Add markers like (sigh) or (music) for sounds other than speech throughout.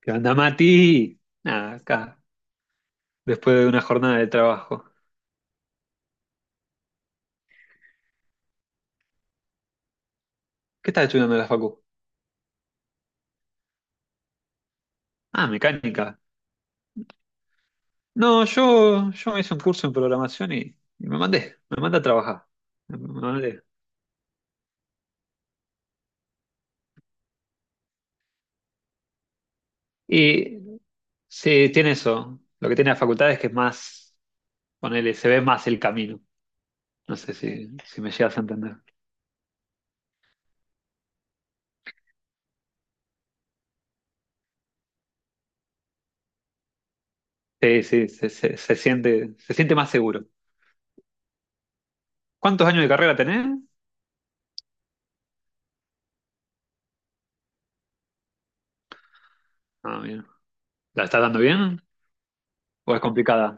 ¿Qué onda, Mati? Nada, acá, después de una jornada de trabajo. ¿Qué estás estudiando en la facu? Ah, mecánica. No, yo me hice un curso en programación y me mandé a trabajar. Me mandé. Y sí, tiene eso. Lo que tiene la facultad es que es más, ponele, se ve más el camino. No sé si me llegas a entender. Sí, sí, se siente, se siente más seguro. ¿Cuántos años de carrera tenés? Ah, bien. ¿La estás dando bien? ¿O es complicada?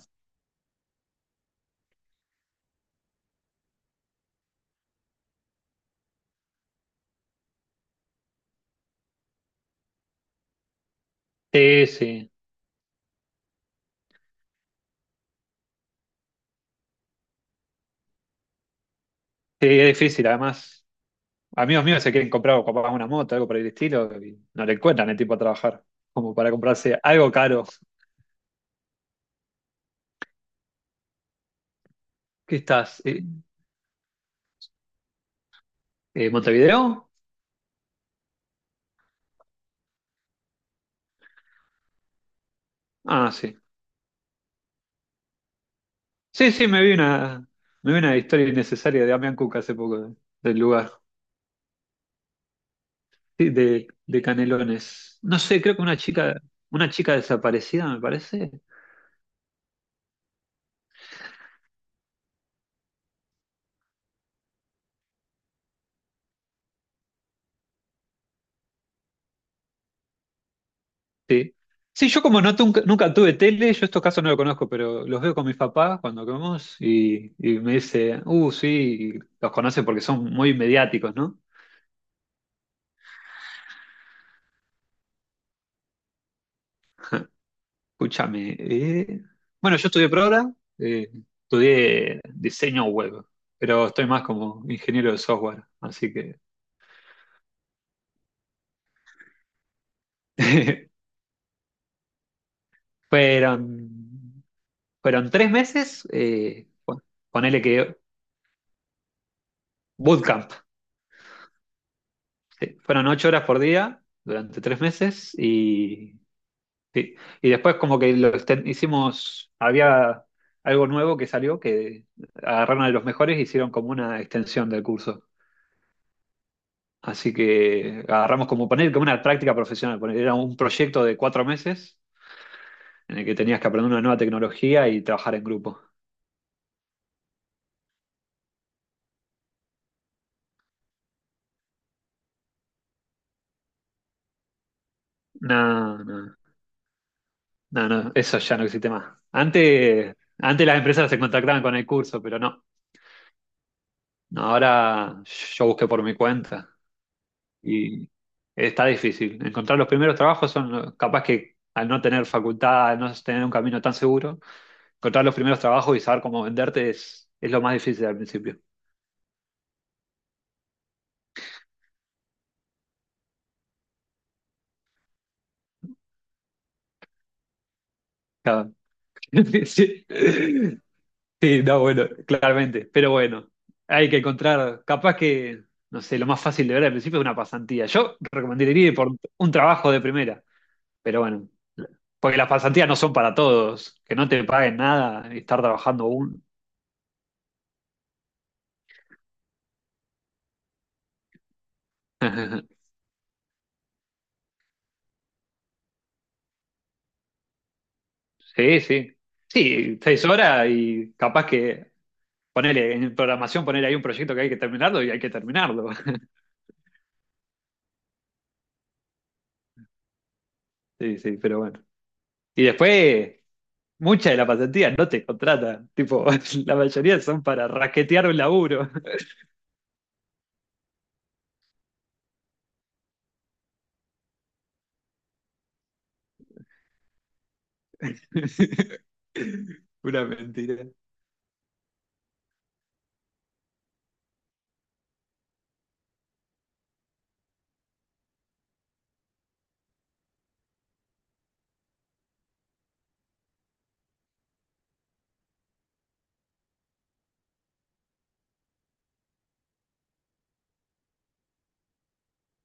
Sí, sí. Sí, es difícil, además. Amigos míos se quieren comprar capaz una moto, algo por el estilo, y no le encuentran el tiempo a trabajar, como para comprarse algo caro. ¿Qué estás? ¿Montevideo? Ah, sí. Sí, sí, me vi una historia innecesaria de Damián Cook hace poco, del lugar. Sí, de Canelones. No sé, creo que una chica desaparecida, me parece. Sí. Sí, yo como no nunca tuve tele, yo estos casos no los conozco, pero los veo con mis papás cuando comemos y me dice, sí, y los conocen porque son muy mediáticos, ¿no? Escúchame. Bueno, yo estudié estudié diseño web, pero estoy más como ingeniero de software, así que (laughs) fueron, fueron 3 meses, ponele que bootcamp, sí, fueron 8 horas por día durante 3 meses y, sí, y después como que hicimos, había algo nuevo que salió, que agarraron a los mejores y hicieron como una extensión del curso. Así que agarramos como poner como una práctica profesional. Era un proyecto de 4 meses en el que tenías que aprender una nueva tecnología y trabajar en grupo. No, no, no, no, eso ya no existe más. Antes las empresas se contactaban con el curso, pero no. No, ahora yo busqué por mi cuenta y está difícil. Encontrar los primeros trabajos son capaz que al no tener facultad, al no tener un camino tan seguro, encontrar los primeros trabajos y saber cómo venderte es lo más difícil al principio. (laughs) Sí, sí, no, bueno, claramente. Pero bueno, hay que encontrar, capaz que, no sé, lo más fácil de ver al principio es una pasantía. Yo recomendaría ir por un trabajo de primera, pero bueno, porque las pasantías no son para todos, que no te paguen nada y estar trabajando un. (laughs) Sí, sí. Sí, 6 horas y capaz que ponerle en programación, poner ahí un proyecto que hay que terminarlo y hay que terminarlo. (laughs) Sí, sí, pero bueno. Y después. Muchas de las pasantías no te contratan, tipo, (laughs) la mayoría son para raquetear un laburo. (laughs) Una mentira.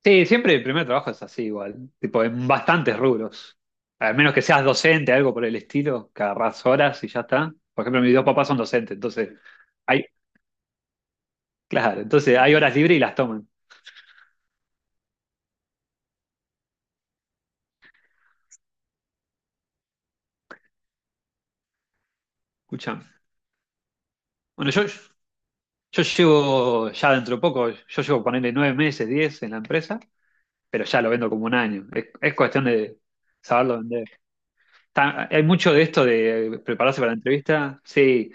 Sí, siempre el primer trabajo es así igual, tipo, en bastantes rubros. Al menos que seas docente, algo por el estilo, que agarrás horas y ya está. Por ejemplo, mis dos papás son docentes, entonces hay, claro, entonces hay horas libres y las toman. Escuchame. Bueno, yo llevo ya dentro de poco, yo llevo ponerle 9 meses, 10 en la empresa, pero ya lo vendo como un año. Es cuestión de saberlo vender. Hay mucho de esto de prepararse para la entrevista. Sí,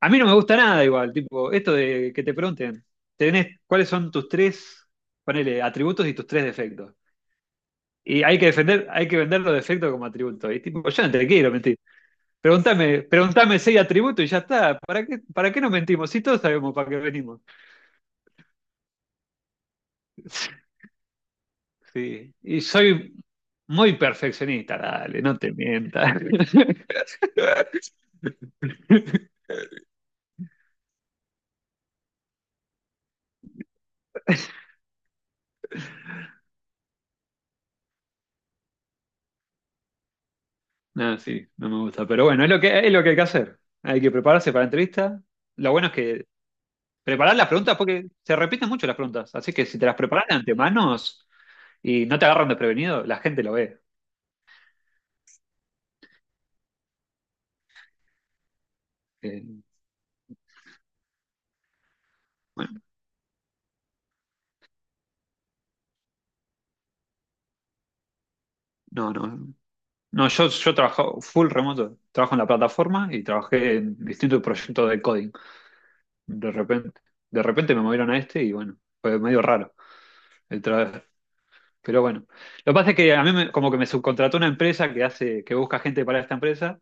a mí no me gusta nada igual, tipo, esto de que te pregunten, tenés, ¿cuáles son tus tres, ponele, atributos y tus tres defectos? Y hay que defender, hay que vender los defectos como atributos. Y tipo, yo no te quiero mentir. Preguntame seis atributos y ya está. ¿Para qué nos mentimos? Si todos sabemos para qué venimos. (laughs) Sí, y soy muy perfeccionista, dale, no te mientas. (laughs) No, sí, no me gusta. Pero bueno, es lo que hay que hacer. Hay que prepararse para la entrevista. Lo bueno es que preparar las preguntas, porque se repiten mucho las preguntas. Así que si te las preparan de antemano y no te agarran desprevenido, la gente lo ve. Eh, bueno, no. No, yo trabajo full remoto. Trabajo en la plataforma y trabajé en distintos proyectos de coding. De repente, de repente me movieron a este y bueno, fue medio raro. Pero bueno, lo que pasa es que como que me subcontrató una empresa que hace, que busca gente para esta empresa,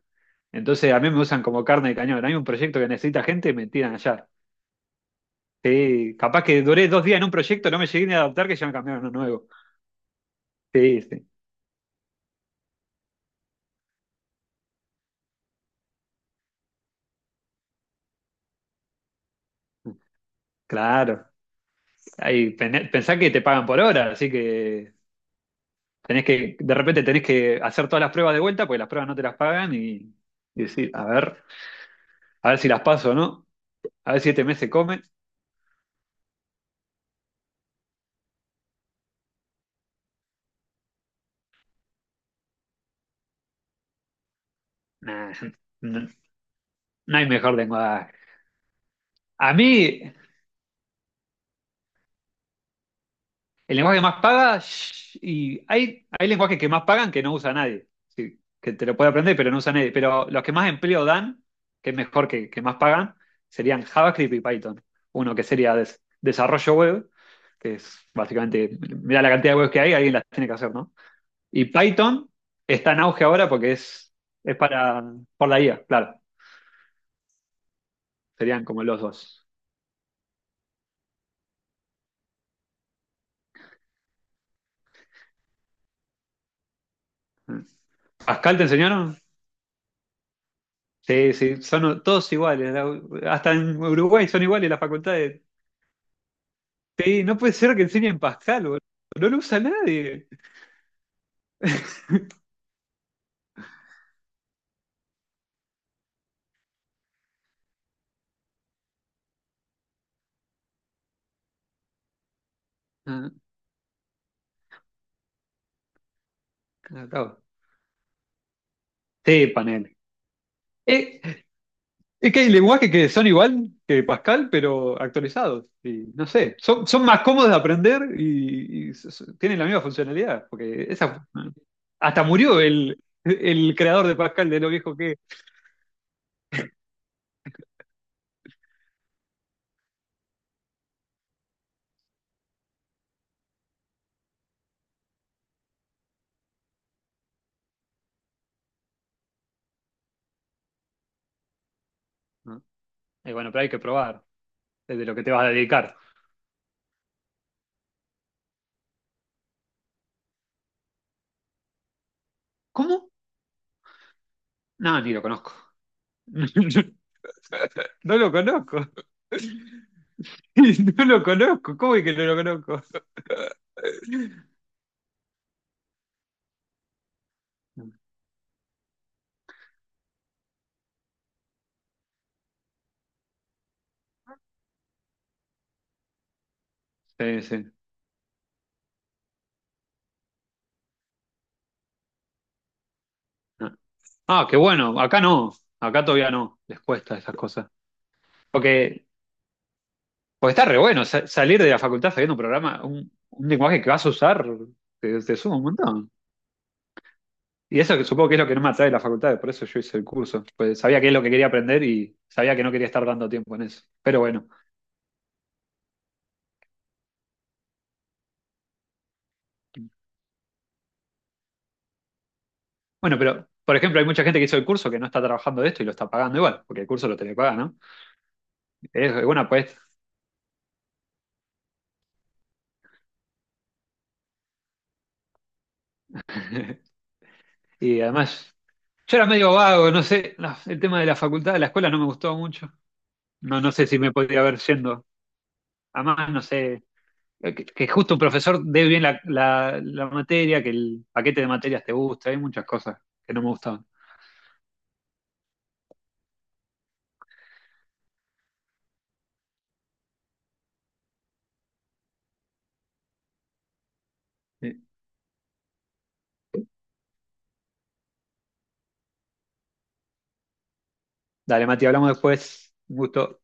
entonces a mí me usan como carne de cañón. Hay un proyecto que necesita gente, me tiran allá. Sí, capaz que duré 2 días en un proyecto, no me llegué ni a adaptar, que ya me cambiaron a uno nuevo. Sí, sí, claro. Ahí, pensá que te pagan por hora, así que tenés que, de repente tenés que hacer todas las pruebas de vuelta, porque las pruebas no te las pagan y decir, a ver si las paso o no, a ver si este mes se come. Nah, (laughs) no, no hay mejor lengua. A mí, el lenguaje que más paga, shh, y hay lenguajes que más pagan que no usa nadie. Sí, que te lo puede aprender, pero no usa nadie. Pero los que más empleo dan, que es mejor que más pagan, serían JavaScript y Python. Uno que sería desarrollo web, que es básicamente, mira la cantidad de webs que hay, alguien las tiene que hacer, ¿no? Y Python está en auge ahora porque es para, por la IA, claro. Serían como los dos. ¿Pascal te enseñaron? Sí, sí, son todos iguales. Hasta en Uruguay son iguales las facultades. Sí, no puede ser que enseñen Pascal, boludo. No lo usa nadie. Ah, claro. Sí, panel. Eh, es que hay lenguajes que son igual que Pascal, pero actualizados. Y no sé, son, son más cómodos de aprender y, tienen la misma funcionalidad. Porque esa, hasta murió el, el creador de Pascal de lo viejo que es. Ah, y bueno, pero hay que probar es de lo que te vas a dedicar. ¿Cómo? No, ni lo conozco. (laughs) (laughs) No lo conozco. (laughs) No lo conozco. ¿Cómo es que no lo conozco? Sí, sí. Ah, qué bueno. Acá no. Acá todavía no. Les cuesta esas cosas. Porque, porque está re bueno salir de la facultad sabiendo un programa, un lenguaje que vas a usar, te suma un montón. Y eso que supongo que es lo que no me atrae de la facultad, por eso yo hice el curso. Pues sabía qué es lo que quería aprender y sabía que no quería estar dando tiempo en eso. Pero bueno. Bueno, pero, por ejemplo, hay mucha gente que hizo el curso que no está trabajando de esto y lo está pagando igual, porque el curso lo tenía que pagar, ¿no? Es buena apuesta. (laughs) Y además, yo era medio vago, no sé, no, el tema de la facultad, de la escuela no me gustó mucho. No, no sé si me podría haber yendo. Además, no sé, eh, que justo un profesor dé bien la materia, que el paquete de materias te gusta, hay muchas cosas que no me gustaban. Sí. Dale, Mati, hablamos después. Un gusto.